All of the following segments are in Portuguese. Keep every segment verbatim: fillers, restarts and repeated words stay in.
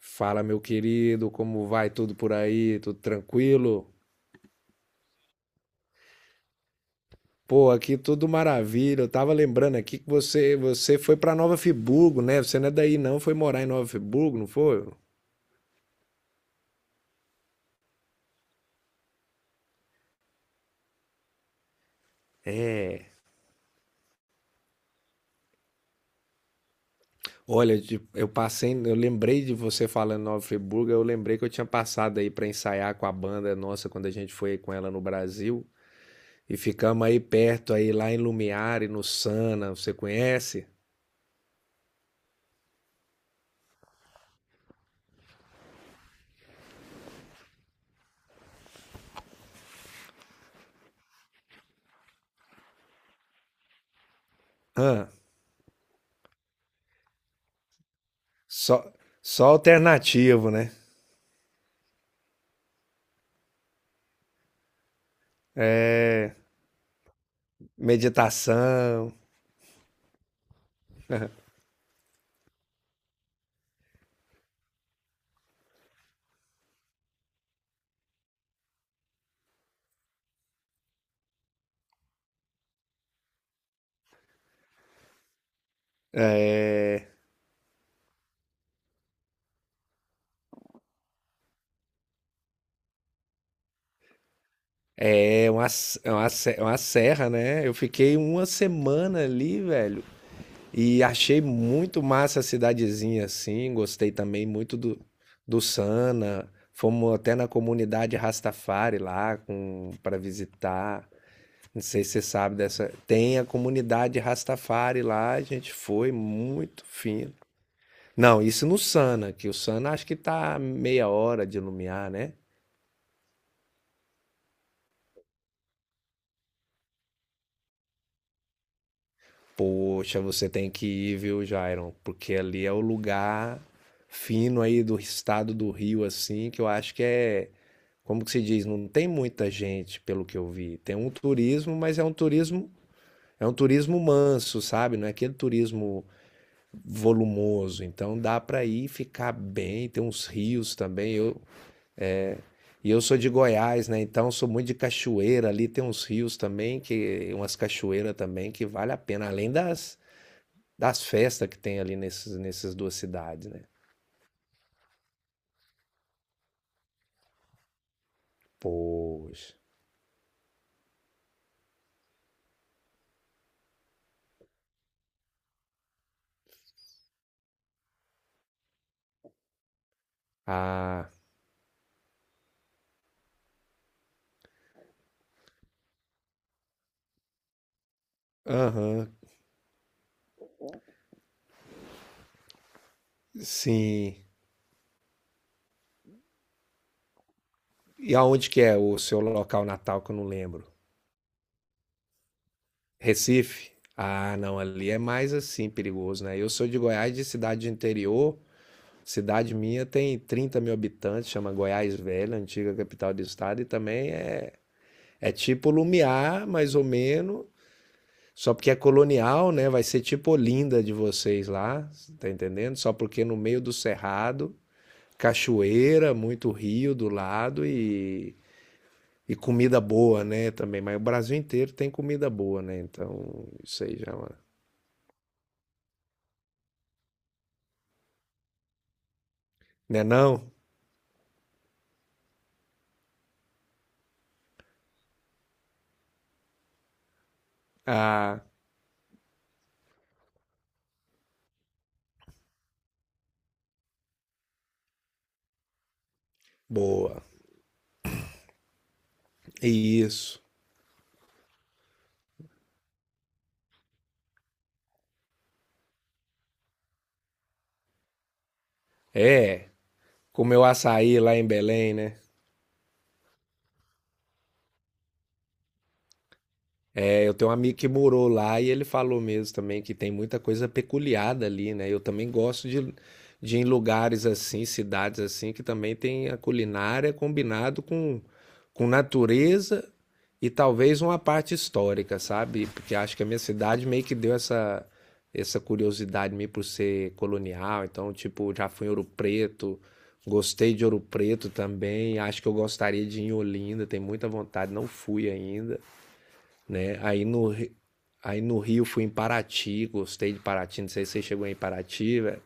Fala, meu querido, como vai tudo por aí? Tudo tranquilo? Pô, aqui tudo maravilha. Eu tava lembrando aqui que você você foi pra Nova Friburgo, né? Você não é daí não, foi morar em Nova Friburgo, não foi? É. Olha, de- eu passei, eu lembrei de você falando Nova Friburgo, eu lembrei que eu tinha passado aí pra ensaiar com a banda nossa quando a gente foi com ela no Brasil e ficamos aí perto aí lá em Lumiar e no Sana, você conhece? Ah, só só alternativo, né? É, meditação. É, é uma, é uma, é uma serra, né? Eu fiquei uma semana ali, velho, e achei muito massa a cidadezinha, assim. Gostei também muito do, do Sana. Fomos até na comunidade Rastafari lá com, para visitar. Não sei se você sabe dessa. Tem a comunidade Rastafari lá, a gente foi muito fino. Não, isso no Sana, que o Sana acho que tá meia hora de Lumiar, né? Poxa, você tem que ir, viu, Jairon? Porque ali é o lugar fino aí do estado do Rio, assim, que eu acho que é, como que se diz, não tem muita gente, pelo que eu vi. Tem um turismo, mas é um turismo, é um turismo manso, sabe? Não é aquele turismo volumoso. Então dá para ir e ficar bem, tem uns rios também. Eu, e eu sou de Goiás, né? Então sou muito de cachoeira ali, tem uns rios também que umas cachoeiras também que vale a pena, além das das festas que tem ali nesses, nessas duas cidades, né? Poxa. Ah, aham, sim. E aonde que é o seu local natal que eu não lembro? Recife? Ah, não, ali é mais assim perigoso, né? Eu sou de Goiás, de cidade de interior. Cidade minha tem trinta mil habitantes, chama Goiás Velha, antiga capital do estado, e também é, é tipo Lumiar, mais ou menos. Só porque é colonial, né? Vai ser tipo Olinda de vocês lá, tá entendendo? Só porque no meio do cerrado, cachoeira, muito rio do lado e, e comida boa, né? Também. Mas o Brasil inteiro tem comida boa, né? Então, isso aí já é... Né não? Ah, boa. Isso. É, comeu açaí lá em Belém, né? É, eu tenho um amigo que morou lá e ele falou mesmo também que tem muita coisa peculiar ali, né? Eu também gosto de, de ir em lugares assim, cidades assim, que também tem a culinária combinado com, com natureza e talvez uma parte histórica, sabe? Porque acho que a minha cidade meio que deu essa, essa curiosidade meio por ser colonial. Então, tipo, já fui em Ouro Preto, gostei de Ouro Preto também. Acho que eu gostaria de ir em Olinda, tenho muita vontade, não fui ainda, né? Aí no, aí no Rio fui em Paraty, gostei de Paraty, não sei se você chegou em Paraty, velho.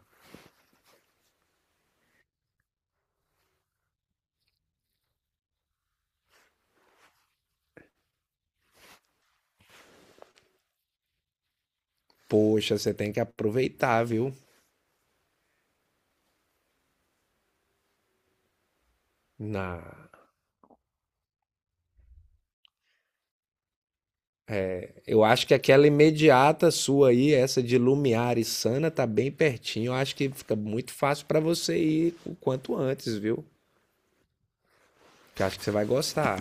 Poxa, você tem que aproveitar, viu? Na... Eu acho que aquela imediata sua aí, essa de Lumiar e Sana, tá bem pertinho. Eu acho que fica muito fácil pra você ir o quanto antes, viu? Que eu acho que você vai gostar.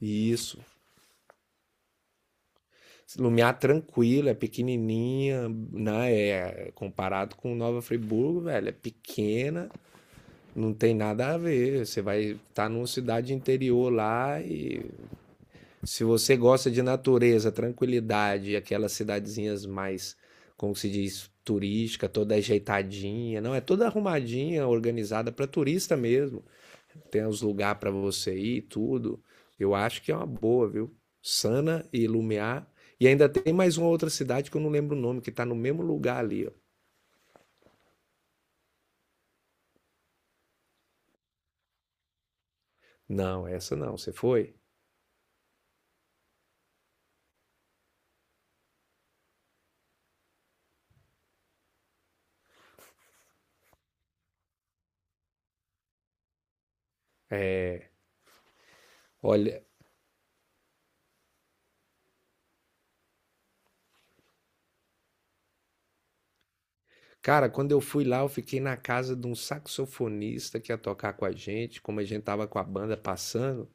Isso. Lumiar tranquila, é pequenininha, né? É, comparado com Nova Friburgo, velho, é pequena. Não tem nada a ver. Você vai estar tá numa cidade interior lá e se você gosta de natureza, tranquilidade, aquelas cidadezinhas mais, como se diz, turística, toda ajeitadinha, não é toda arrumadinha, organizada para turista mesmo. Tem os lugares para você ir, e tudo. Eu acho que é uma boa, viu? Sana e Lumiar. E ainda tem mais uma outra cidade que eu não lembro o nome, que está no mesmo lugar ali. Ó. Não, essa não. Você foi? Olha, cara, quando eu fui lá, eu fiquei na casa de um saxofonista que ia tocar com a gente, como a gente tava com a banda passando,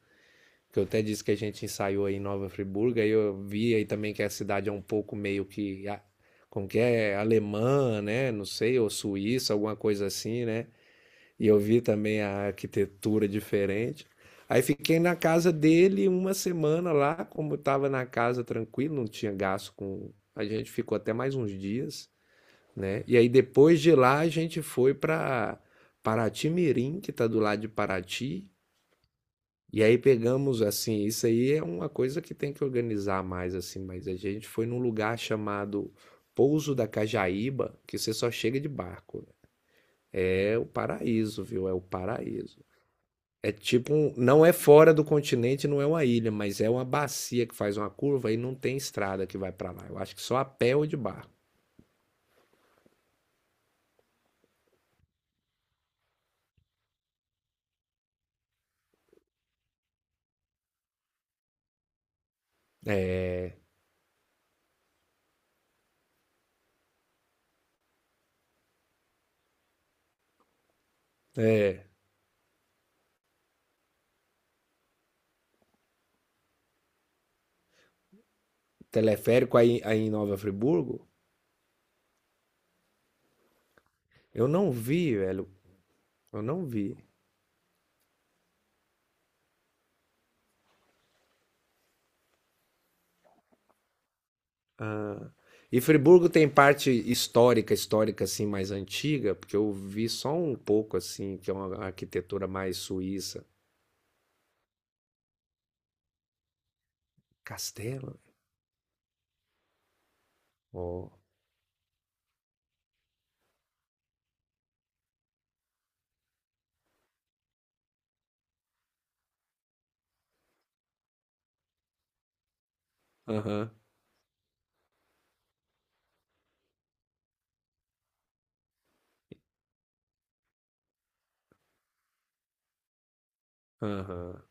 que eu até disse que a gente ensaiou aí em Nova Friburgo, aí eu vi aí também que a cidade é um pouco meio que, a- como que é, alemã, né? Não sei, ou suíça, alguma coisa assim, né? E eu vi também a arquitetura diferente. Aí fiquei na casa dele uma semana lá, como eu tava na casa tranquilo, não tinha gasto com... A gente ficou até mais uns dias, né? E aí depois de lá a gente foi para Paraty Mirim, que está do lado de Paraty. E aí pegamos assim, isso aí é uma coisa que tem que organizar mais assim, mas a gente foi num lugar chamado Pouso da Cajaíba, que você só chega de barco, né? É o paraíso, viu? É o paraíso. É tipo, um- não é fora do continente, não é uma ilha, mas é uma bacia que faz uma curva e não tem estrada que vai para lá. Eu acho que só a pé ou de barco. É, é, teleférico aí, aí em Nova Friburgo, eu não vi, velho. Eu não vi. E Friburgo tem parte histórica, histórica assim mais antiga, porque eu vi só um pouco assim, que é uma arquitetura mais suíça. Castelo? Ó. Aham. Aham.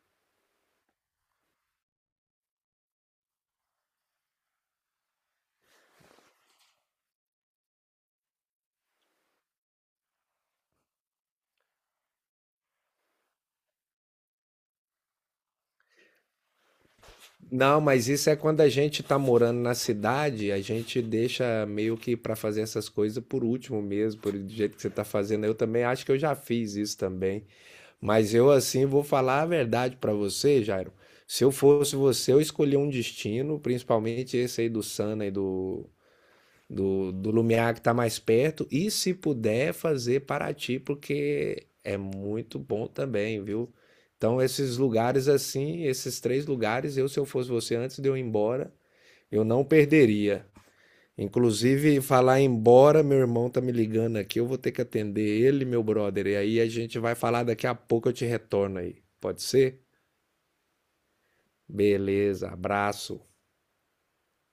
Não, mas isso é quando a gente tá morando na cidade, a gente deixa meio que pra fazer essas coisas por último mesmo, por do jeito que você tá fazendo. Eu também acho que eu já fiz isso também. Mas eu, assim, vou falar a verdade pra você, Jairo. Se eu fosse você, eu escolhi um destino, principalmente esse aí do Sana e do, do, do Lumiar, que tá mais perto. E se puder, fazer Paraty, porque é muito bom também, viu? Então, esses lugares assim, esses três lugares, eu, se eu fosse você, antes de eu ir embora, eu não perderia. Inclusive, falar embora, meu irmão tá me ligando aqui, eu vou ter que atender ele, meu brother. E aí a gente vai falar daqui a pouco, eu te retorno aí. Pode ser? Beleza, abraço.